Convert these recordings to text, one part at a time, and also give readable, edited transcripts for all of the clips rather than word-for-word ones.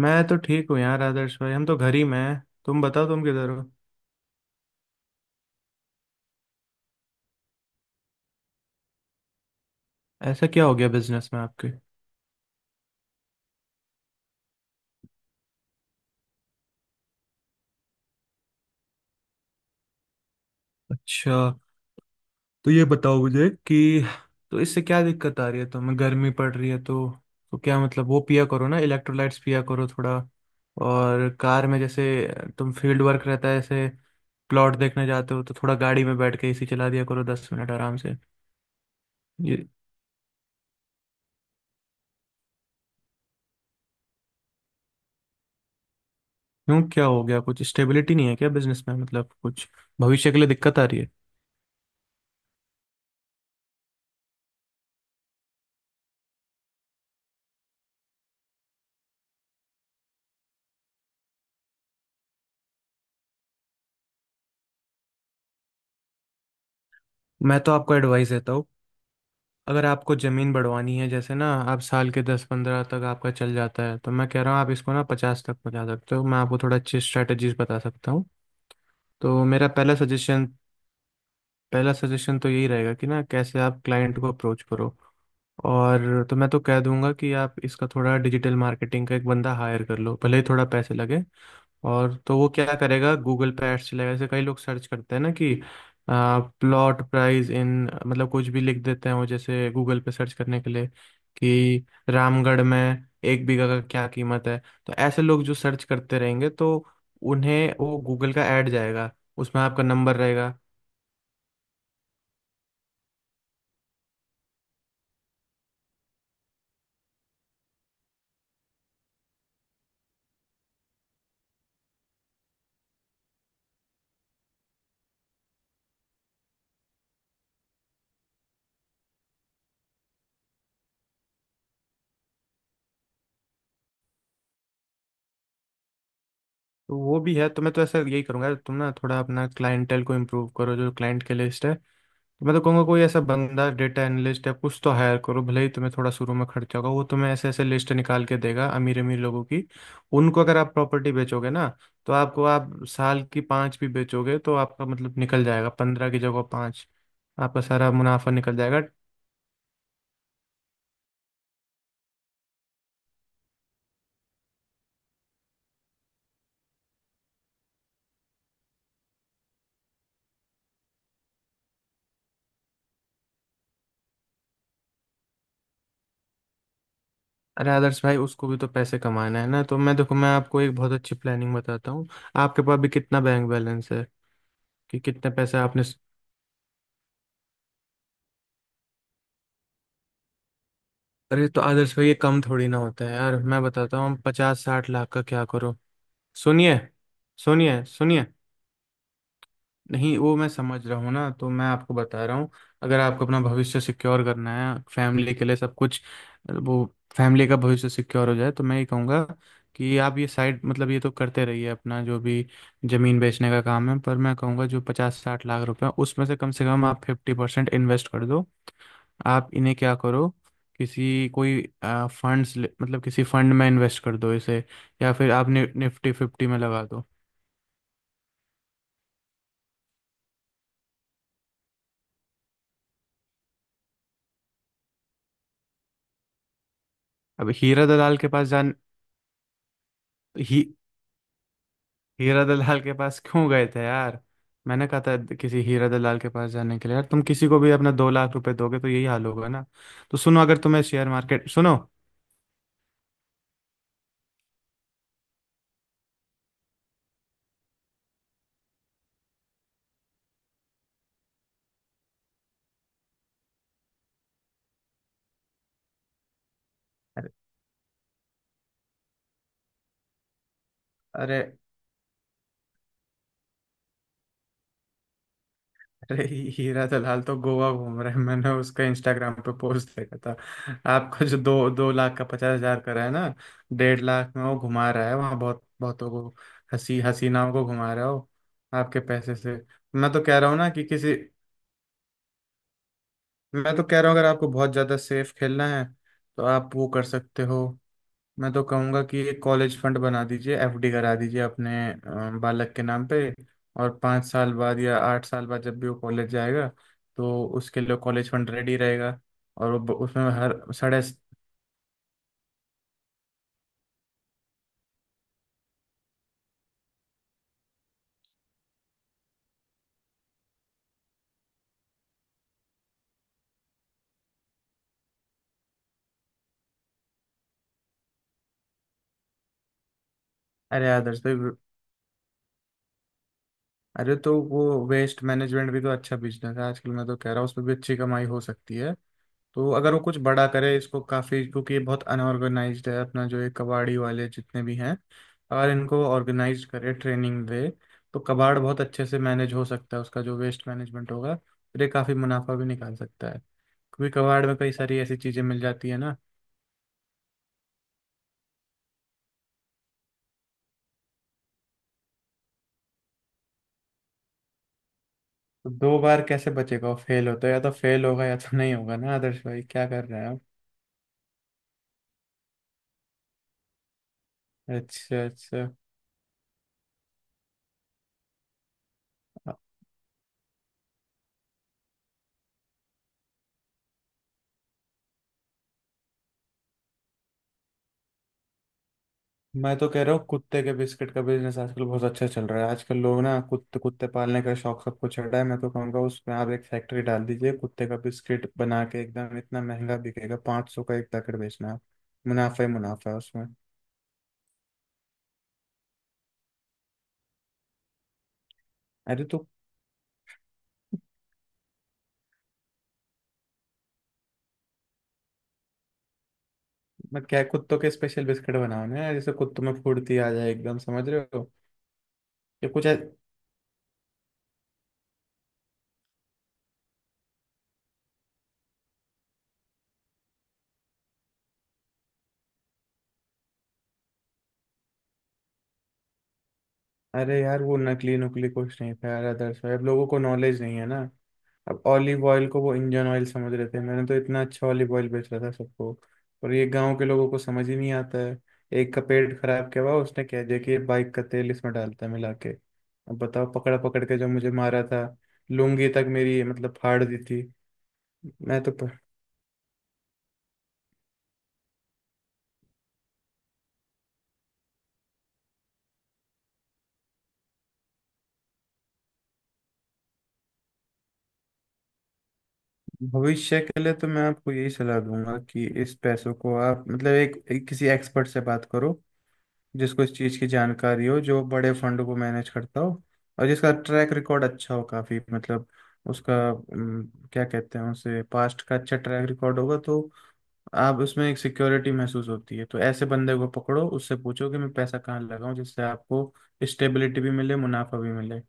मैं तो ठीक हूँ यार, आदर्श भाई। हम तो घर ही में हैं, तुम बताओ तुम किधर हो? ऐसा क्या हो गया बिजनेस में आपके? अच्छा। तो ये बताओ मुझे कि तो इससे क्या दिक्कत आ रही है? तुम्हें गर्मी पड़ रही है तो क्या मतलब, वो पिया करो ना, इलेक्ट्रोलाइट्स पिया करो थोड़ा। और कार में जैसे तुम फील्ड वर्क रहता है ऐसे प्लॉट देखने जाते हो तो थोड़ा गाड़ी में बैठ के एसी चला दिया करो 10 मिनट आराम से। ये क्यों, क्या हो गया? कुछ स्टेबिलिटी नहीं है क्या बिजनेस में? मतलब कुछ भविष्य के लिए दिक्कत आ रही है? मैं तो आपको एडवाइस देता हूँ। अगर आपको ज़मीन बढ़वानी है जैसे ना, आप साल के 10-15 तक आपका चल जाता है, तो मैं कह रहा हूँ आप इसको ना 50 तक पहुँचा सकते हो। मैं आपको थोड़ा अच्छी स्ट्रेटजीज बता सकता हूँ। तो मेरा पहला सजेशन तो यही रहेगा कि ना कैसे आप क्लाइंट को अप्रोच करो। और तो मैं तो कह दूंगा कि आप इसका थोड़ा डिजिटल मार्केटिंग का एक बंदा हायर कर लो, भले ही थोड़ा पैसे लगे। और तो वो क्या करेगा, गूगल पे एड्स चलेगा। जैसे कई लोग सर्च करते हैं ना कि प्लॉट प्राइस इन, मतलब कुछ भी लिख देते हैं वो जैसे गूगल पे सर्च करने के लिए, कि रामगढ़ में एक बीघा का क्या कीमत है। तो ऐसे लोग जो सर्च करते रहेंगे, तो उन्हें वो गूगल का ऐड जाएगा, उसमें आपका नंबर रहेगा। तो वो भी है, तो मैं तो ऐसा यही करूंगा, तुम ना थोड़ा अपना क्लाइंटेल को इम्प्रूव करो, जो क्लाइंट की लिस्ट है। तो मैं तो कहूँगा कोई ऐसा बंदा डेटा एनालिस्ट या कुछ तो हायर करो, भले ही तुम्हें थोड़ा शुरू में खर्चा होगा, वो तुम्हें ऐसे ऐसे लिस्ट निकाल के देगा अमीर अमीर लोगों की। उनको अगर आप प्रॉपर्टी बेचोगे ना, तो आपको आप साल की पाँच भी बेचोगे तो आपका मतलब निकल जाएगा, 15 की जगह पाँच, आपका सारा मुनाफा निकल जाएगा। अरे आदर्श भाई, उसको भी तो पैसे कमाना है ना। तो मैं देखो, मैं आपको एक बहुत अच्छी प्लानिंग बताता हूँ। आपके पास भी कितना बैंक बैलेंस है? कि कितने पैसे आपने? अरे तो आदर्श भाई ये कम थोड़ी ना होता है यार, मैं बताता हूँ 50-60 लाख का क्या करो। सुनिए, सुनिए, सुनिए, नहीं वो मैं समझ रहा हूँ ना, तो मैं आपको बता रहा हूँ। अगर आपको अपना भविष्य सिक्योर करना है फैमिली के लिए, सब कुछ वो फैमिली का भविष्य सिक्योर हो जाए, तो मैं ये कहूँगा कि आप ये साइड मतलब ये तो करते रहिए अपना जो भी जमीन बेचने का काम है, पर मैं कहूँगा जो 50-60 लाख रुपए हैं, उसमें से कम आप फिफ्टी परसेंट इन्वेस्ट कर दो। आप इन्हें क्या करो, किसी, कोई फंड्स मतलब किसी फंड में इन्वेस्ट कर दो इसे, या फिर आप निफ्टी फिफ्टी में लगा दो। अब हीरा दलाल के पास जान, ही हीरा दलाल के पास क्यों गए थे यार? मैंने कहा था किसी हीरा दलाल के पास जाने के लिए यार? तुम किसी को भी अपना 2 लाख रुपए दोगे तो यही हाल होगा ना। तो सुनो, अगर तुम्हें शेयर मार्केट, सुनो। अरे, अरे, हीरा दलाल तो गोवा घूम रहे हैं, मैंने उसका इंस्टाग्राम पे पोस्ट देखा था। आपका जो दो दो लाख का 50,000 का रहा है ना, 1.5 लाख में वो घुमा रहा है वहाँ, बहुत बहुतों को, हसीनाओं को घुमा रहा हो आपके पैसे से। मैं तो कह रहा हूँ ना कि किसी, मैं तो कह रहा हूँ अगर आपको बहुत ज़्यादा सेफ खेलना है तो आप वो कर सकते हो। मैं तो कहूँगा कि एक कॉलेज फंड बना दीजिए, एफडी करा दीजिए अपने बालक के नाम पे, और 5 साल बाद या 8 साल बाद जब भी वो कॉलेज जाएगा तो उसके लिए कॉलेज फंड रेडी रहेगा। और वो उसमें हर साढ़े। अरे आदर्श भाई, अरे तो वो वेस्ट मैनेजमेंट भी तो अच्छा बिजनेस है आजकल। मैं तो कह रहा हूँ उसमें भी अच्छी कमाई हो सकती है। तो अगर वो कुछ बड़ा करे इसको, काफी, क्योंकि ये बहुत अनऑर्गेनाइज्ड है, अपना जो ये कबाड़ी वाले जितने भी हैं, अगर इनको ऑर्गेनाइज करे, ट्रेनिंग दे, तो कबाड़ बहुत अच्छे से मैनेज हो सकता है। उसका जो वेस्ट मैनेजमेंट होगा, फिर ये काफी मुनाफा भी निकाल सकता है, क्योंकि कबाड़ में कई सारी ऐसी चीजें मिल जाती है ना। तो दो बार कैसे बचेगा वो? फेल होता है या तो फेल होगा या तो नहीं होगा ना, आदर्श भाई क्या कर रहे हैं आप? अच्छा, अच्छा। मैं तो कह रहा हूँ कुत्ते के बिस्किट का बिजनेस आजकल बहुत अच्छा चल रहा है। आजकल लोग ना कुत्ते कुत्ते पालने का शौक सबको चढ़ रहा है, मैं तो कहूँगा उसमें आप एक फैक्ट्री डाल दीजिए, कुत्ते का बिस्किट बना के एकदम इतना महंगा बिकेगा, 500 का एक पैकेट बेचना आप। मुनाफा ही मुनाफा है उसमें। अरे तो मैं क्या, कुत्तों के स्पेशल बिस्किट बनाओ ना यार, जैसे कुत्तों में फुर्ती आ जाए एकदम, समझ रहे हो? ये कुछ ऐ- अरे यार, वो नकली नुकली कुछ नहीं था यार अदर्स। अब लोगों को नॉलेज नहीं है ना, अब ऑलिव ऑयल को वो इंजन ऑयल समझ रहे थे। मैंने तो इतना अच्छा ऑलिव ऑयल बेच रहा था सबको, और ये गांव के लोगों को समझ ही नहीं आता है। एक का पेट खराब किया हुआ उसने, कह दिया कि ये बाइक का तेल इसमें डालता है मिला के, अब बताओ पकड़ा पकड़ के जो मुझे मारा था, लुंगी तक मेरी मतलब फाड़ दी थी। मैं तो प- भविष्य के लिए तो मैं आपको यही सलाह दूंगा कि इस पैसों को आप मतलब एक किसी एक्सपर्ट से बात करो, जिसको इस चीज़ की जानकारी हो, जो बड़े फंड को मैनेज करता हो, और जिसका ट्रैक रिकॉर्ड अच्छा हो काफ़ी, मतलब उसका क्या कहते हैं उसे, पास्ट का अच्छा ट्रैक रिकॉर्ड होगा तो आप उसमें एक सिक्योरिटी महसूस होती है। तो ऐसे बंदे को पकड़ो, उससे पूछो कि मैं पैसा कहाँ लगाऊं जिससे आपको स्टेबिलिटी भी मिले, मुनाफा भी मिले।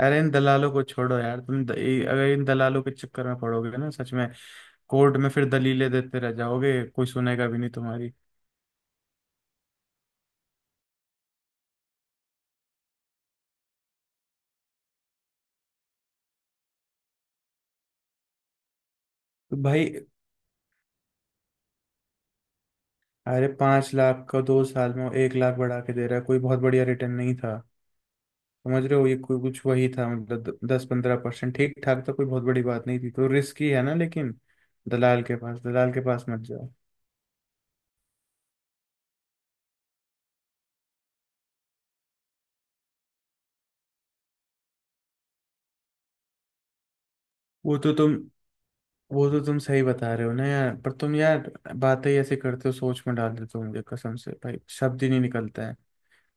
अरे इन दलालों को छोड़ो यार, अगर इन दलालों के चक्कर में पड़ोगे ना, सच में कोर्ट में फिर दलीलें देते रह जाओगे, कोई सुनेगा भी नहीं तुम्हारी। तो भाई, अरे 5 लाख का 2 साल में वो 1 लाख बढ़ा के दे रहा है, कोई बहुत बढ़िया रिटर्न नहीं था। समझ रहे हो, ये कोई कुछ वही था मतलब 10-15%, ठीक ठाक था, कोई बहुत बड़ी बात नहीं थी, तो रिस्क ही है ना लेकिन। दलाल के पास मत जाओ। वो तो तुम वो तो तुम सही बता रहे हो ना यार, पर तुम यार बातें ही ऐसे करते हो सोच में डाल देते हो मुझे, कसम से भाई, शब्द ही नहीं निकलता है।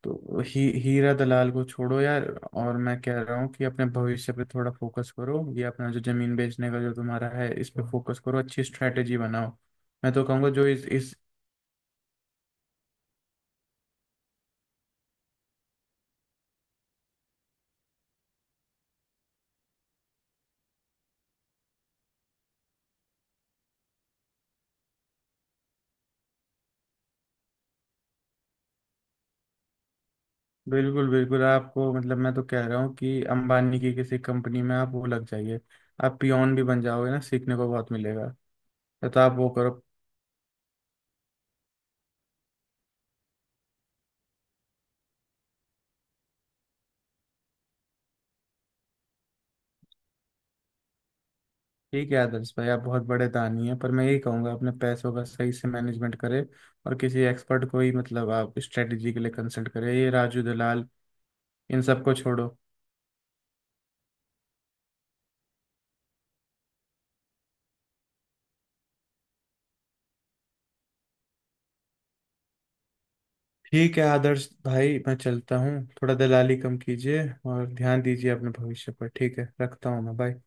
तो ही हीरा दलाल को छोड़ो यार, और मैं कह रहा हूँ कि अपने भविष्य पे थोड़ा फोकस करो। ये अपना जो जमीन बेचने का जो तुम्हारा है, इस पे फोकस करो, अच्छी स्ट्रेटेजी बनाओ। मैं तो कहूँगा जो इस बिल्कुल बिल्कुल आपको मतलब, मैं तो कह रहा हूँ कि अंबानी की किसी कंपनी में आप वो लग जाइए, आप पियोन भी बन जाओगे ना, सीखने को बहुत मिलेगा। तो आप वो करो। ठीक है आदर्श भाई, आप बहुत बड़े दानी हैं, पर मैं यही कहूँगा अपने पैसों का सही से मैनेजमेंट करें, और किसी एक्सपर्ट को ही मतलब आप स्ट्रेटेजी के लिए कंसल्ट करें। ये राजू दलाल, इन सबको छोड़ो। ठीक है आदर्श भाई, मैं चलता हूँ। थोड़ा दलाली कम कीजिए और ध्यान दीजिए अपने भविष्य पर। ठीक है, रखता हूँ मैं। बाय।